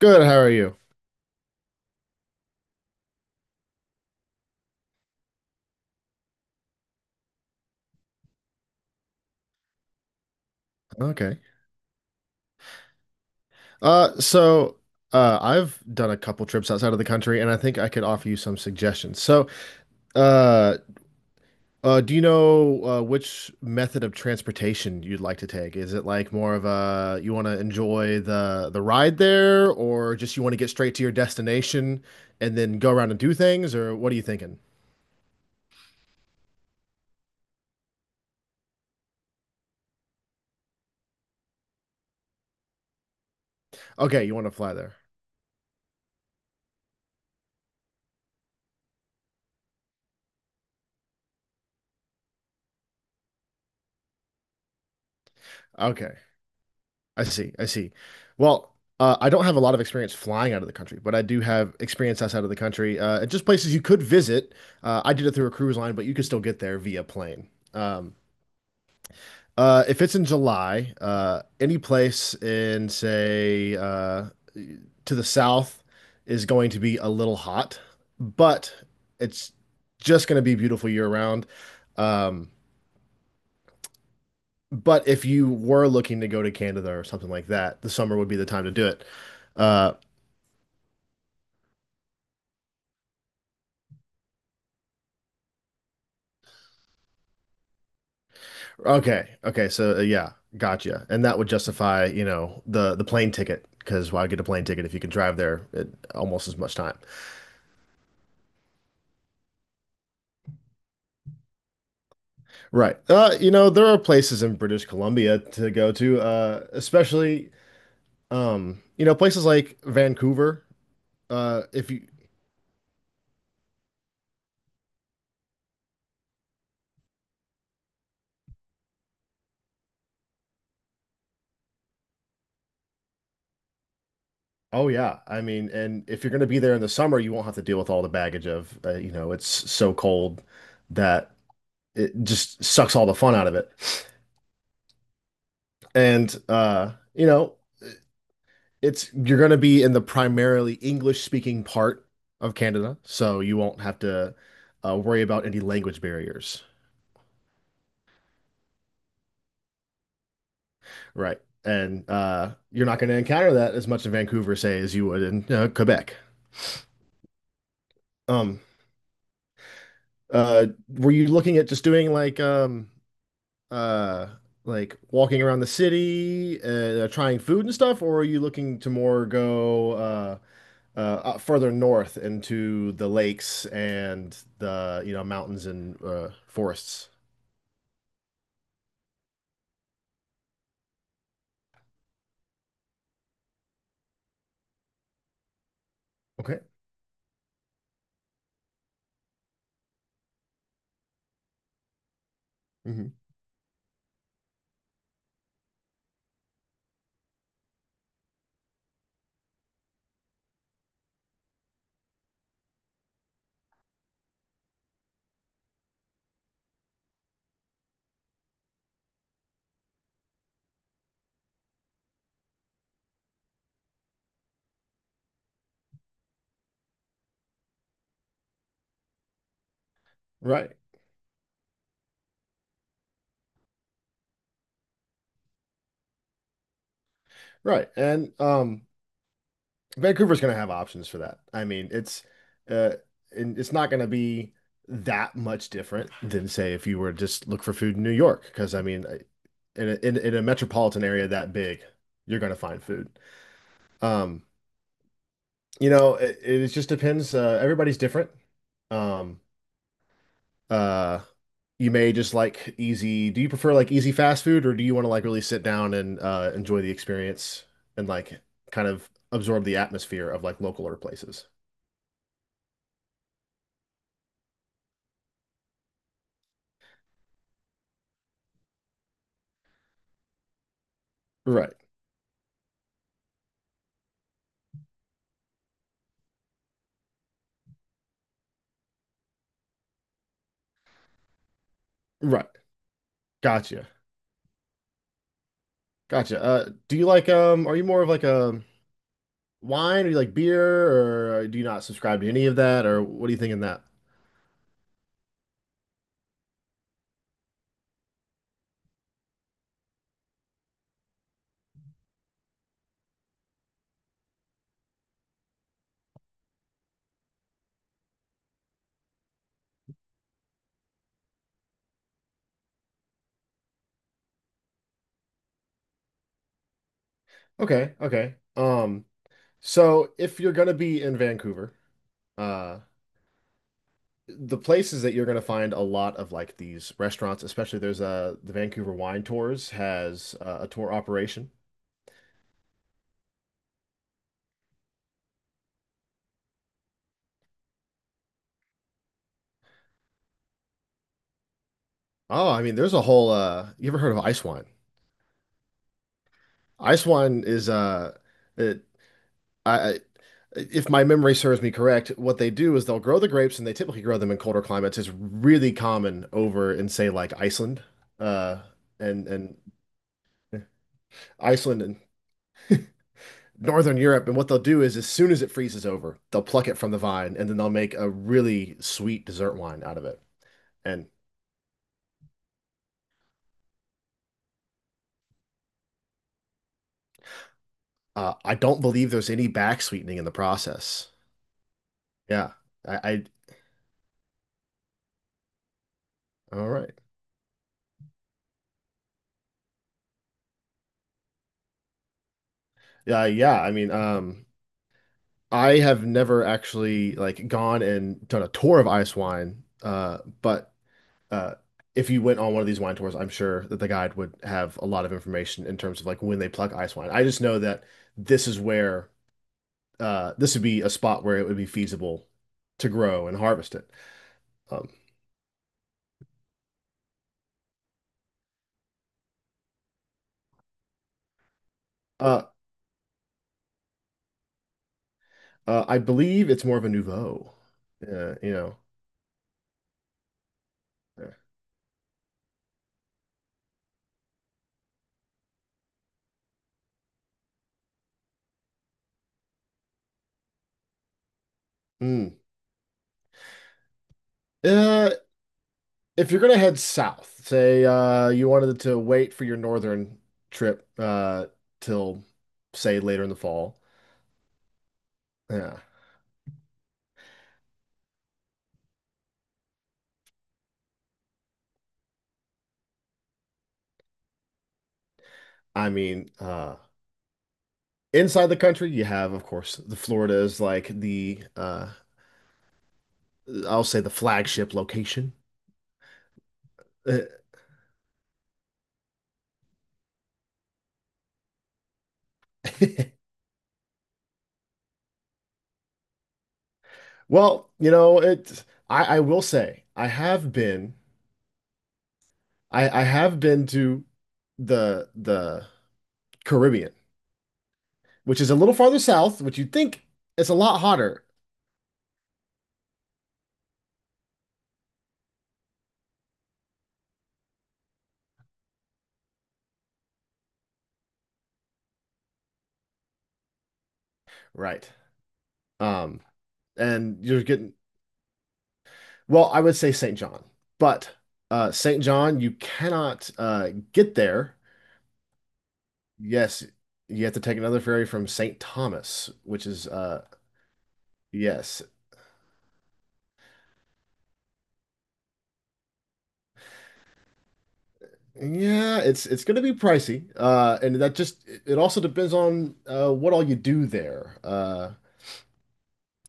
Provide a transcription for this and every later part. Good, how are you? Okay. Uh, so I've done a couple trips outside of the country, and I think I could offer you some suggestions. Uh, do you know which method of transportation you'd like to take? Is it like more of a you want to enjoy the ride there, or just you want to get straight to your destination and then go around and do things, or what are you thinking? Okay, you want to fly there. Okay. I see. I see. Well, I don't have a lot of experience flying out of the country, but I do have experience outside of the country. And just places you could visit. I did it through a cruise line, but you could still get there via plane. If it's in July, any place in, say, to the south is going to be a little hot, but it's just going to be beautiful year round. Um, but if you were looking to go to Canada or something like that, the summer would be the time to do it. Uh, Okay. Okay. Gotcha. And that would justify, you know, the plane ticket because why get a plane ticket if you can drive there at almost as much time? Right. You know, there are places in British Columbia to go to, especially you know, places like Vancouver. If you Oh yeah, I mean, and if you're going to be there in the summer, you won't have to deal with all the baggage of, you know, it's so cold that it just sucks all the fun out of it. And You know, it's you're going to be in the primarily English speaking part of Canada, so you won't have to worry about any language barriers, right? And You're not going to encounter that as much in Vancouver, say, as you would in Quebec. Um, were you looking at just doing uh, like walking around the city, trying food and stuff, or are you looking to more go further north into the lakes and the you know mountains and forests. Okay. Hmm. Right. Right. And Vancouver's going to have options for that. I mean, it's uh, and it's not going to be that much different than say if you were to just look for food in New York, because I mean, in a metropolitan area that big, you're going to find food. Um, you know, it just depends. Everybody's different. Um, Uh, you may just like easy. Do you prefer like easy fast food, or do you want to like really sit down and enjoy the experience and like kind of absorb the atmosphere of like localer places? Right. Right. Gotcha. Gotcha. Do you like um? Are you more of like a wine, or you like beer, or do you not subscribe to any of that, or what do you think in that? Okay. Okay. So if you're gonna be in Vancouver, uh. the places that you're going to find a lot of like these restaurants, especially there's a the Vancouver Wine Tours has a tour operation. Oh, I mean, there's a whole you ever heard of ice wine? Ice wine is it I- if my memory serves me correct, what they do is they'll grow the grapes and they typically grow them in colder climates. It's really common over in say like Iceland uh and and eh, Iceland and Northern Europe, and what they'll do is as soon as it freezes over, they'll pluck it from the vine and then they'll make a really sweet dessert wine out of it. And I don't believe there's any back sweetening in the process. Yeah. I All right. Yeah, yeah. I mean, I have never actually like gone and done a tour of ice wine, but uh, if you went on one of these wine tours, I'm sure that the guide would have a lot of information in terms of like when they pluck ice wine. I just know that this is where this would be a spot where it would be feasible to grow and harvest it. Um, uh, I believe it's more of a nouveau. Uh, you know. Yeah. Mm. Uh, if you're gonna head south, say you wanted to wait for your northern trip till say later in the fall. Yeah, I mean, uh, Inside the country, you have, of course, the Florida is like the I'll say the flagship location. Well, you know, it I will say I have been I have been to the Caribbean, which is a little farther south, which you'd think is a lot hotter, right? Um and you're getting well, I would say St. John, but St. John you cannot get there. Yes, you have to take another ferry from St. Thomas, which is yes. Yeah, it's going to be pricey. And that just it also depends on what all you do there.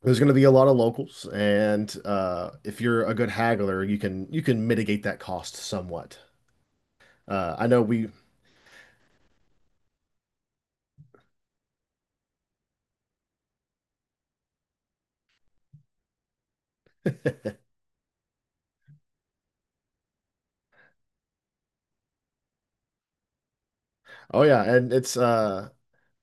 There's going to be a lot of locals and if you're a good haggler, you can mitigate that cost somewhat. I know we Oh yeah, and it's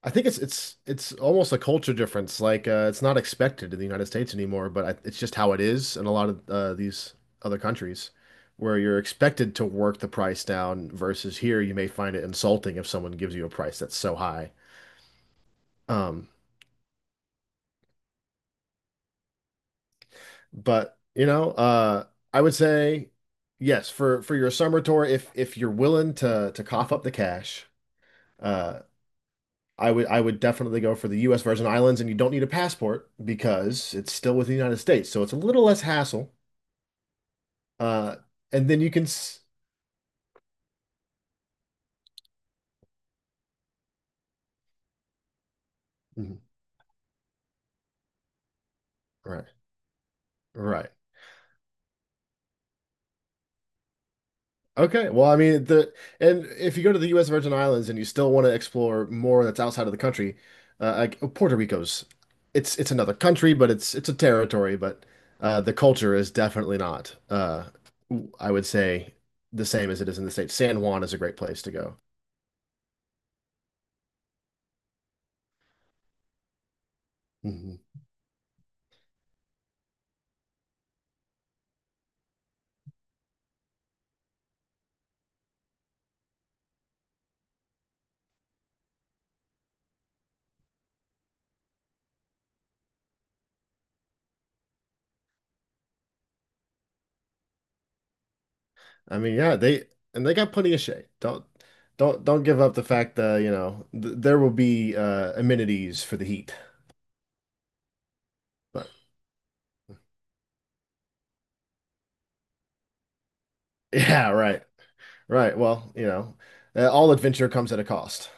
I think it's almost a culture difference. Like it's not expected in the United States anymore, but I, it's just how it is in a lot of these other countries, where you're expected to work the price down. Versus here, you may find it insulting if someone gives you a price that's so high. Um, but you know, I would say yes for your summer tour if you're willing to cough up the cash. Uh, I would definitely go for the U.S. Virgin Islands, and you don't need a passport because it's still within the United States, so it's a little less hassle. Uh, and then you can s Mhm. Right, right, okay. Well, I mean the and if you go to the U.S. Virgin Islands and you still want to explore more that's outside of the country, Puerto Rico's, it's another country, but it's a territory, but the culture is definitely not. I would say the same as it is in the States. San Juan is a great place to go. Mhm. I mean, yeah, they and they got plenty of shade. Don't give up the fact that, you know, th there will be amenities for the heat. But yeah, right. Right. Well, you know, all adventure comes at a cost.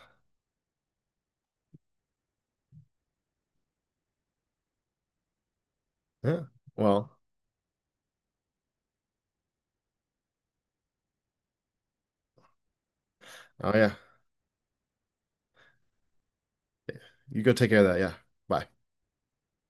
Yeah. Well, oh yeah. You go take care of that. Yeah. Bye.